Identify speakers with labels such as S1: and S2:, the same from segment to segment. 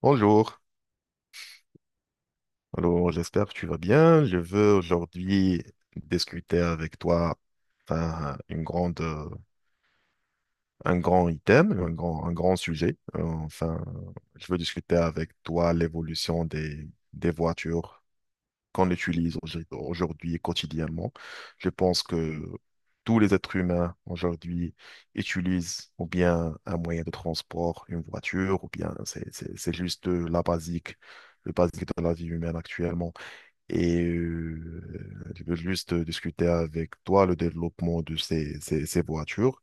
S1: Bonjour, alors j'espère que tu vas bien. Je veux aujourd'hui discuter avec toi une grande, un grand item, un grand sujet. Je veux discuter avec toi l'évolution des voitures qu'on utilise aujourd'hui quotidiennement. Je pense que tous les êtres humains aujourd'hui utilisent ou bien un moyen de transport, une voiture, ou bien c'est juste la basique, le basique de la vie humaine actuellement. Je veux juste discuter avec toi le développement de ces voitures.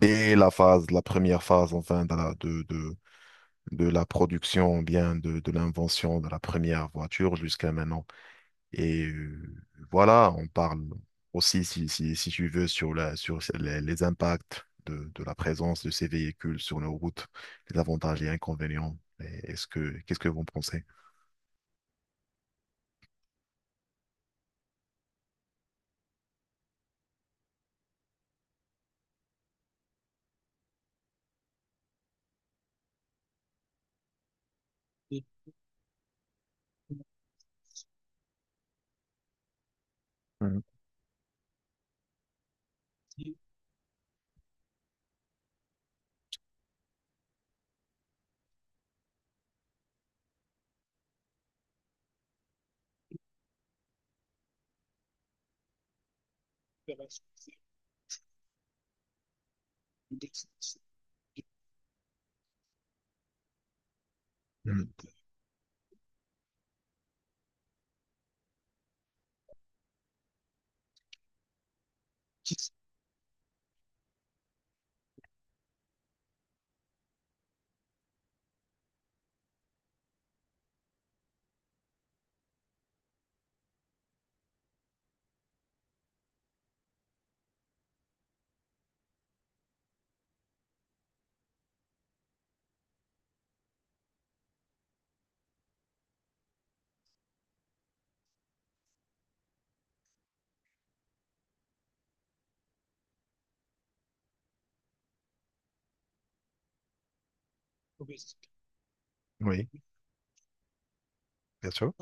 S1: Dès la première phase, de la production, bien de l'invention de la première voiture jusqu'à maintenant. Et euh, voilà, on parle aussi, si tu veux, sur sur les impacts de la présence de ces véhicules sur nos routes, les avantages et inconvénients. Qu'est-ce que vous en pensez? Mhm. Mhm. Oui, bien sûr.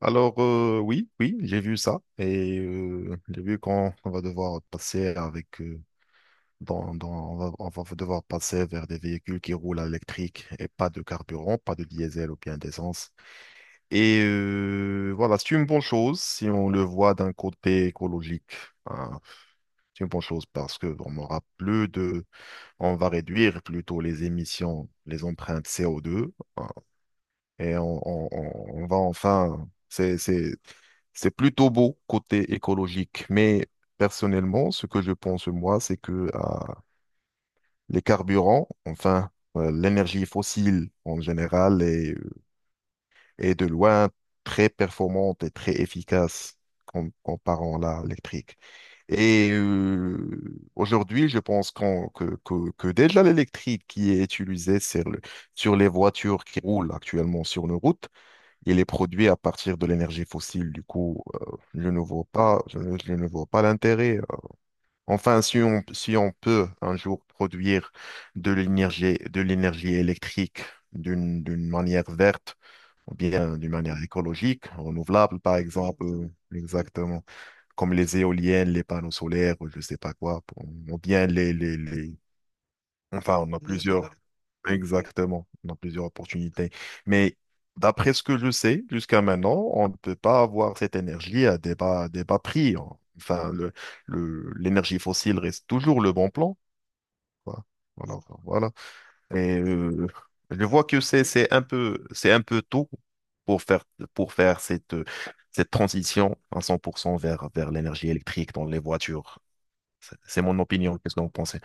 S1: Alors, oui, j'ai vu ça et j'ai vu qu'on on va devoir passer avec, on va devoir passer vers des véhicules qui roulent à l'électrique et pas de carburant, pas de diesel ou bien d'essence. Voilà, c'est une bonne chose si on le voit d'un côté écologique, hein. C'est une bonne chose parce que on aura plus de, on va réduire plutôt les émissions, les empreintes CO2 et on va enfin. C'est plutôt beau côté écologique, mais personnellement, ce que je pense moi, c'est que les carburants, l'énergie fossile en général, est, est de loin très performante et très efficace comparant à l'électrique. Et aujourd'hui, je pense que déjà l'électrique qui est utilisée sur les voitures qui roulent actuellement sur nos routes, il est produit à partir de l'énergie fossile. Du coup, je ne vois pas, je ne vois pas l'intérêt. Enfin, si on peut un jour produire de l'énergie électrique d'une manière verte, ou bien d'une manière écologique, renouvelable, par exemple, exactement, comme les éoliennes, les panneaux solaires, ou je sais pas quoi, pour- ou bien les- Enfin, on a plusieurs. Exactement, on a plusieurs opportunités. Mais d'après ce que je sais, jusqu'à maintenant, on ne peut pas avoir cette énergie à des des bas prix, hein. Enfin, l'énergie fossile reste toujours le bon plan, quoi. Voilà, enfin, voilà. Et je vois que c'est un peu tôt pour faire, pour faire cette, cette transition à 100% vers, vers l'énergie électrique dans les voitures. C'est mon opinion. Qu'est-ce que vous pensez?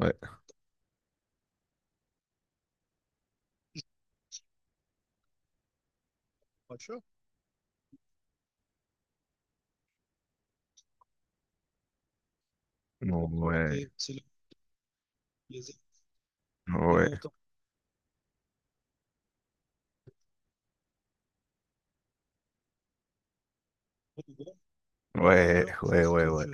S1: Ouais. Ouais. Ouais. Ouais, ouais, ouais, ouais.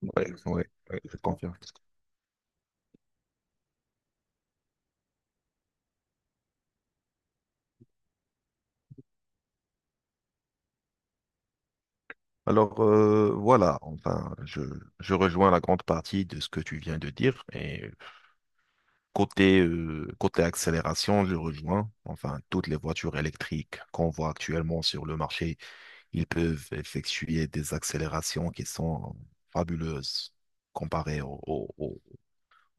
S1: Ouais, que je ouais, pense. Ouais, ouais, je confirme. Alors, voilà, je rejoins la grande partie de ce que tu viens de dire. Et côté, côté accélération, je rejoins. Enfin, toutes les voitures électriques qu'on voit actuellement sur le marché, ils peuvent effectuer des accélérations qui sont fabuleuses comparées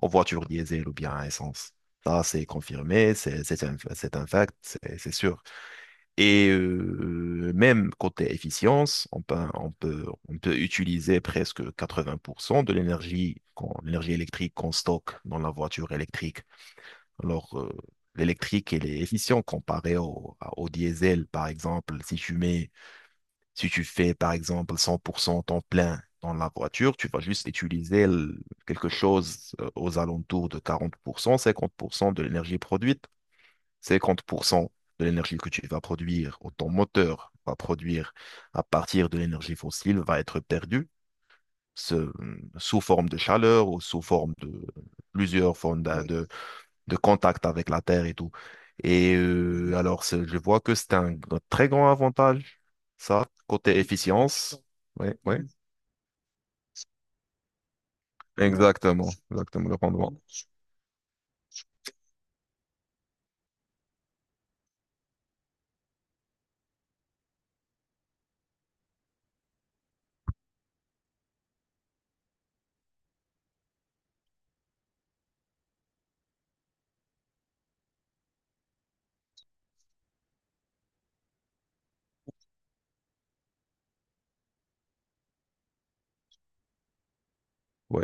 S1: aux voitures diesel ou bien à essence. Ça, c'est confirmé, c'est un fact, c'est sûr. Et même côté efficience, on peut utiliser presque 80% de l'énergie, l'énergie électrique qu'on stocke dans la voiture électrique. Alors, l'électrique, elle est efficiente comparée au diesel, par exemple. Si tu fais, par exemple, 100% temps plein dans la voiture, tu vas juste utiliser quelque chose aux alentours de 40%, 50% de l'énergie produite. 50% de l'énergie que tu vas produire, ou ton moteur va produire à partir de l'énergie fossile, va être perdue ce- sous forme de chaleur ou sous forme de plusieurs formes de contact avec la Terre et tout. Et alors, je vois que c'est un très grand avantage, ça, côté efficience. Oui, oui, exactement, exactement, le rendement. Oui,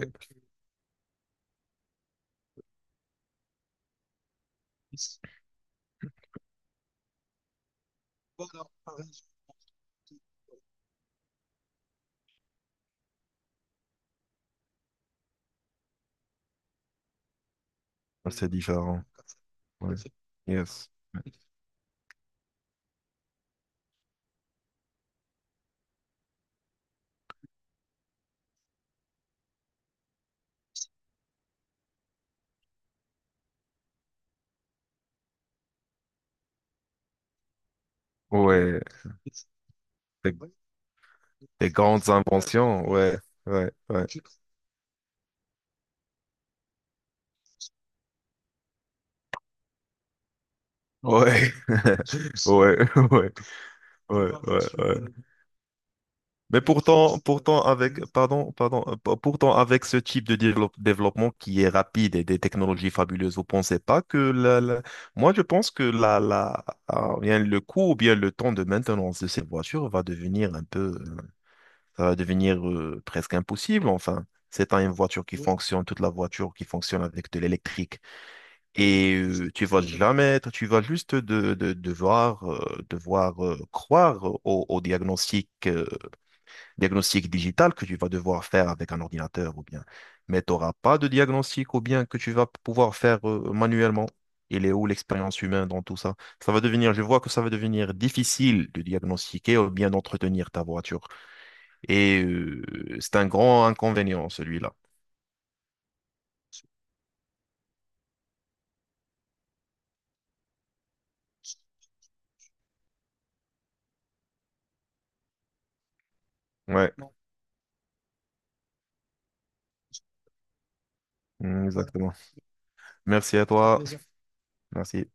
S1: c'est différent. Ouais. Yes. Ouais. c'est Des grandes inventions, ouais, ouais, ouais. Ouais, ouais, ouais, ouais, ouais, ouais. Mais pourtant, pardon, pardon, pourtant avec ce type de développement qui est rapide et des technologies fabuleuses, vous pensez pas que moi je pense que bien le coût ou bien le temps de maintenance de ces voitures va devenir un peu, ça va devenir presque impossible. Enfin, c'est pas une voiture qui fonctionne, toute la voiture qui fonctionne avec de l'électrique. Et tu vas jamais, tu vas juste devoir, devoir croire au diagnostic, diagnostic digital que tu vas devoir faire avec un ordinateur ou bien. Mais tu n'auras pas de diagnostic ou bien que tu vas pouvoir faire manuellement. Il est où l'expérience humaine dans tout ça? Ça va devenir, je vois que ça va devenir difficile de diagnostiquer ou bien d'entretenir ta voiture. Et c'est un grand inconvénient, celui-là. Ouais, mm, exactement. Merci à toi. Merci.